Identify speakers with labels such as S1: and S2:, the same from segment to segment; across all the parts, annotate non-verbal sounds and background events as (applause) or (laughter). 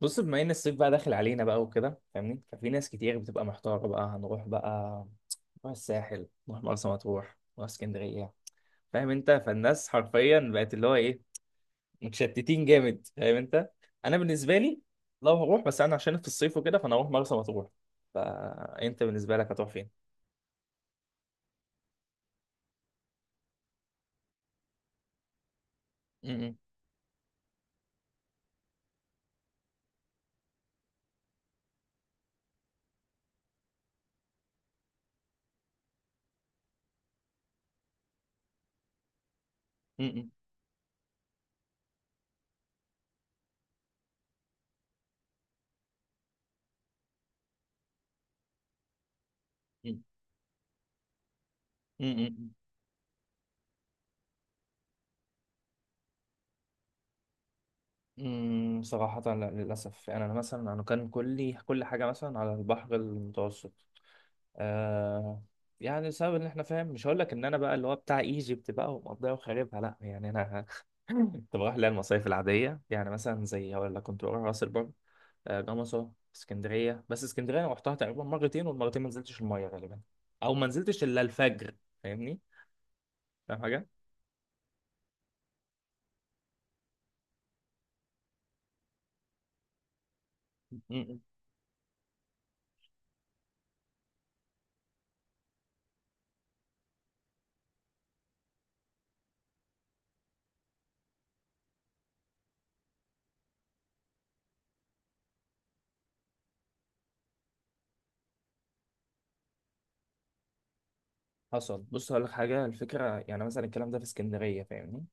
S1: بص، بما ان الصيف بقى داخل علينا بقى وكده، فاهمني؟ ففي ناس كتير بتبقى محتاره بقى هنروح بقى نروح الساحل، نروح مرسى مطروح، نروح اسكندريه. فاهم انت؟ فالناس حرفيا بقت اللي هو ايه، متشتتين جامد، فاهم انت؟ انا بالنسبه لي لو هروح، بس انا عشان في الصيف وكده فانا هروح مرسى مطروح. فانت بالنسبه لك هتروح فين؟ م-، م-، م-، م-، م-، م-. صراحة لا، للأسف. يعني أنا مثلا، أنا كان كلي كل حاجة مثلا على البحر المتوسط. آه يعني بسبب ان احنا فاهم، مش هقول لك ان انا بقى اللي هو بتاع ايجيبت بقى ومقضيها وخاربها، لا يعني انا (laughs) كنت بروح لها المصايف العاديه، يعني مثلا زي هقول لك كنت بروح راس البر، جمصه، اسكندريه. بس اسكندريه انا رحتها تقريبا مرتين، والمرتين ما نزلتش الميه غالبا، او ما نزلتش الا الفجر. فاهمني؟ فاهم حاجه؟ م- م. حصل. بص هقول لك حاجه، الفكره يعني مثلا الكلام ده في اسكندريه، فاهمني.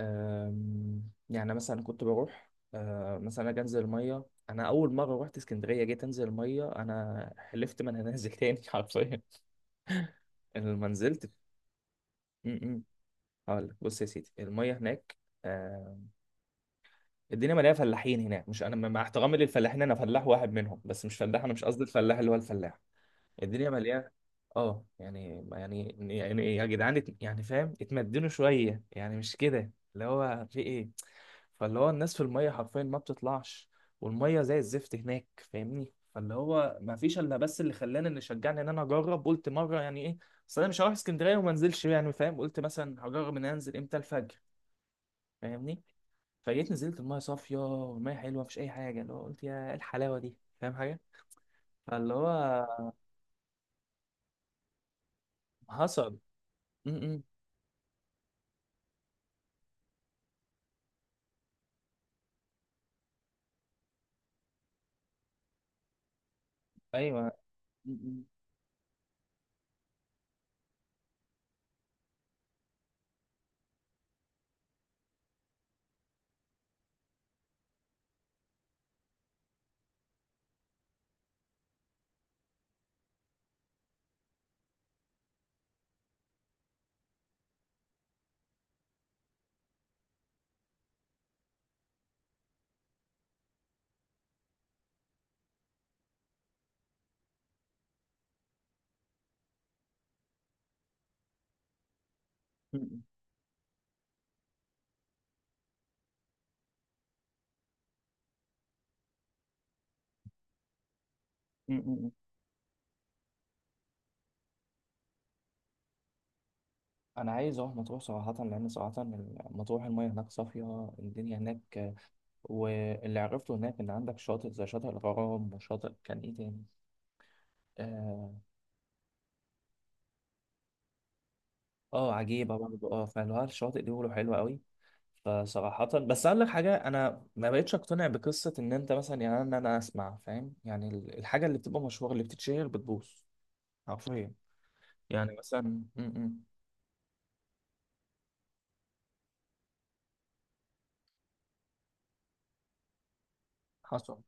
S1: يعني مثلا كنت بروح، مثلا اجي انزل الميه. انا اول مره رحت اسكندريه جيت انزل الميه، انا حلفت ما انا نازل تاني (laughs) حرفيا. أنا لما نزلت م- م. هقول لك بص يا سيدي، الميه هناك أه، الدنيا مليانه فلاحين هناك. مش انا مع احترامي للفلاحين، انا فلاح واحد منهم، بس مش فلاح انا، مش قصدي الفلاح اللي هو الفلاح. الدنيا مليانه. اه يعني يا جدعان، يعني فاهم، اتمدنوا شويه يعني، مش كده اللي هو في ايه. فاللي هو الناس في الميه حرفيا ما بتطلعش، والميه زي الزفت هناك، فاهمني. فاللي هو ما فيش الا بس، اللي خلاني اللي شجعني ان انا اجرب، قلت مره يعني ايه، اصل انا مش هروح اسكندريه وما انزلش يعني فاهم، قلت مثلا هجرب ان أنا انزل امتى، الفجر، فاهمني. فجيت نزلت الميه صافيه والميه حلوه، مفيش اي حاجه، اللي هو قلت يا إيه الحلاوه دي، فاهم حاجه. فاللي هو حصل. م -م. ايوه. م- م- م- م- م- م. انا عايز اروح مطروح صراحه، لان صراحه مطروح المياه هناك صافيه، الدنيا هناك. واللي عرفته هناك ان عندك شاطئ زي شاطئ الغرام، وشاطئ كان ايه تاني، اه، عجيبه برضه، فاللي هو الشاطئ دي بيقولوا حلوه قوي. فصراحه بس اقول لك حاجه، انا ما بقتش اقتنع بقصه ان انت مثلا يعني ان انا اسمع فاهم يعني الحاجه اللي بتبقى مشهوره اللي بتتشهر بتبوظ، حرفيا، يعني مثلا م- م. حصل.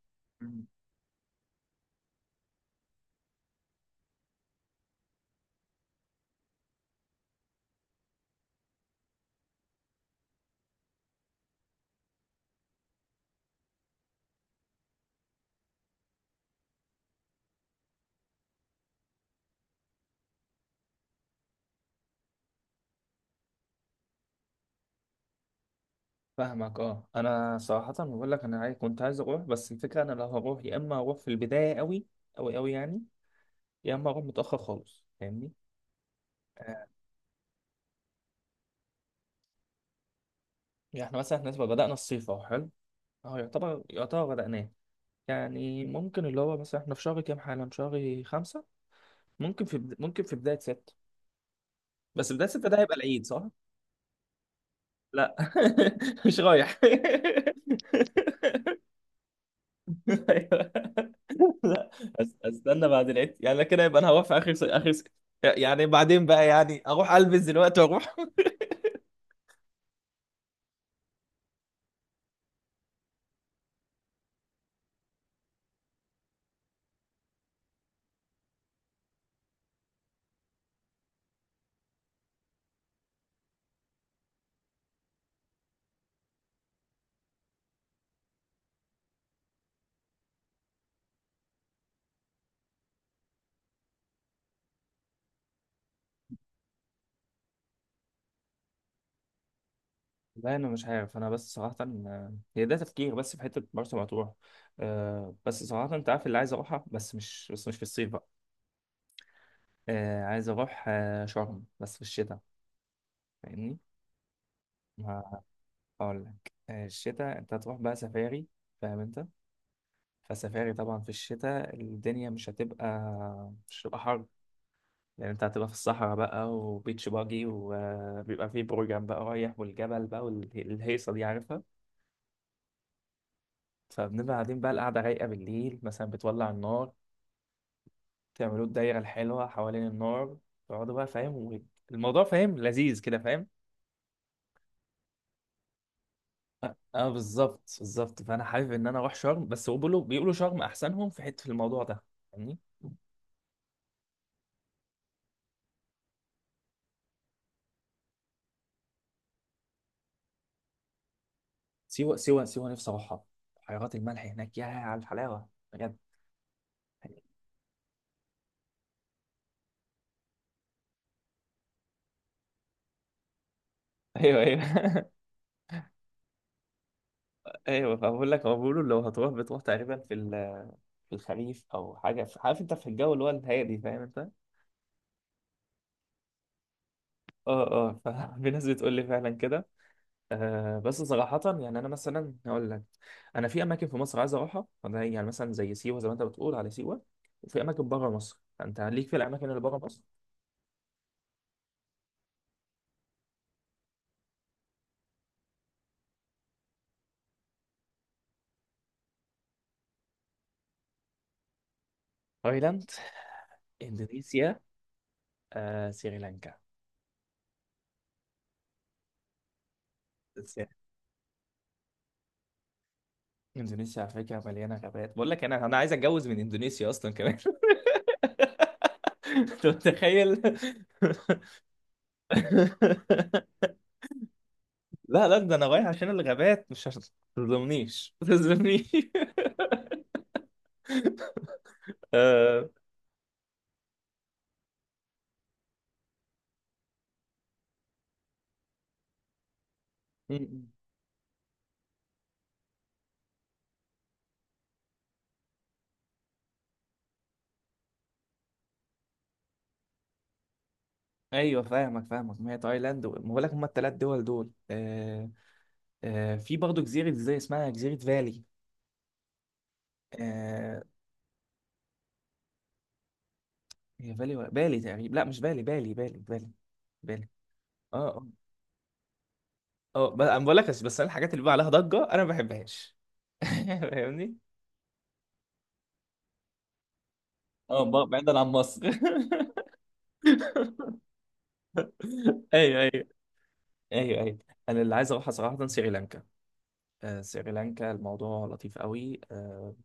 S1: فاهمك. اه انا صراحه بقول لك، انا كنت عايز اروح بس الفكره، انا لو هروح يا اما اروح في البدايه قوي قوي قوي يعني، يا اما اروح متاخر خالص، فاهمني. آه، يعني احنا مثلا احنا نسبة بدانا الصيف اهو حلو، اهو يعتبر، بداناه. يعني ممكن اللي هو مثلا احنا في شهر كام حالا، في شهر خمسة، ممكن في ممكن في بدايه ستة. بس بدايه ستة ده هيبقى العيد، صح؟ لا (laughs) مش رايح (laughs) أيوة. لا، استنى بعد العيد يعني، لا كده، يبقى انا هروح في يعني بعدين بقى يعني اروح البس دلوقتي واروح. لا انا مش عارف، انا بس صراحه، هي ده تفكير، بس في حته مرسى مطروح. بس صراحه انت عارف اللي عايز اروحها، بس مش، بس مش في الصيف بقى. عايز اروح شرم بس في الشتاء، فاهمني. ما اقول لك، الشتاء انت هتروح بقى سفاري، فاهم انت. فسفاري طبعا في الشتاء الدنيا مش هتبقى، حر، لان انت هتبقى في الصحراء بقى، وبيتش باجي، وبيبقى فيه بروجرام بقى رايح، والجبل بقى، والهيصه دي عارفها. فبنبقى قاعدين بقى، القعده رايقه بالليل، مثلا بتولع النار، تعملوا الدايره الحلوه حوالين النار، تقعدوا بقى فاهم الموضوع، فاهم لذيذ كده، فاهم. اه، بالظبط بالظبط، فانا حابب ان انا اروح شرم، بس هو بيقولوا، شرم احسنهم في حته في الموضوع ده، فاهمني. سيوه سيوه سيوه، نفسي اروحها، بحيرات الملح هناك، يا على الحلاوه بجد. ايوه، ايوه (laughs) ايوه. فبقول لك، هو بيقولوا لو هتروح بتروح تقريبا في الخريف او حاجه، عارف انت، في الجو اللي هو الهادي، فاهم انت. اه، اه، ففي (laughs) ناس بتقول لي فعلا كده. بس صراحه يعني، انا مثلا هقول لك، انا في اماكن في مصر عايز اروحها، فده يعني مثلا زي سيوه، زي ما انت بتقول على سيوه. وفي اماكن بره مصر، فانت ليك في الاماكن اللي بره مصر. تايلاند، اندونيسيا، سريلانكا. اندونيسيا على فكره مليانه غابات، بقول لك انا، عايز اتجوز من اندونيسيا اصلا كمان (laughs) انت متخيل. لا، لا، ده انا رايح عشان الغابات، مش عشان. ما تظلمنيش، ما تظلمنيش. (laughs) آه، م- م. ايوه، فاهمك، ما هي تايلاند، ما بقول لك هم الثلاث دول، في برضه جزيره زي اسمها جزيره فالي. آه، هي فالي ولا بالي تقريبا؟ لا مش بالي، بالي، بالي، بالي، بالي. اه، آه. اه، انا بقول لك، بس، انا الحاجات اللي بقى عليها ضجه انا ما بحبهاش (laughs) فاهمني. اه، بعيدا عن مصر. (laughs) ايوه، ايوه. ايوه، ايوه. انا اللي عايز اروحها صراحه سريلانكا. سريلانكا الموضوع لطيف قوي.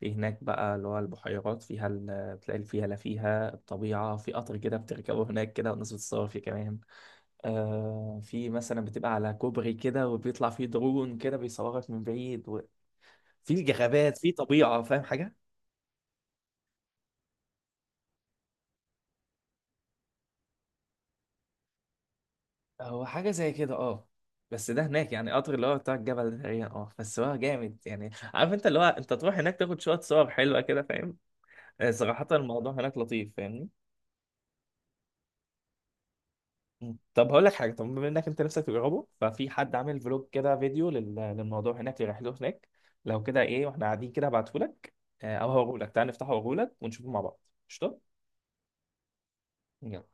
S1: في هناك بقى اللي هو البحيرات، فيها بتلاقي الفيلة، فيها الطبيعه، في قطر كده بتركبه هناك كده، والناس بتصور فيه كمان. في مثلا بتبقى على كوبري كده، وبيطلع فيه درون كده بيصورك من بعيد و... في الجغابات، في طبيعه، فاهم حاجه. هو حاجة زي كده، اه. بس ده هناك يعني قطر اللي هو بتاع الجبل ده تقريبا، بس هو جامد يعني، عارف انت، اللي هو انت تروح هناك، تاخد شوية صور حلوة كده، فاهم. صراحة الموضوع هناك لطيف، فاهمني. مم. طب هقول لك حاجة، طب بما انك انت نفسك تجربه، ففي حد عامل فلوج كده فيديو للموضوع هناك، لرحلته هناك. لو كده، ايه واحنا قاعدين كده، ابعتهولك، او هوريهولك، تعال نفتحه، وأوريهولك، ونشوفه مع بعض. قشطة. يلا.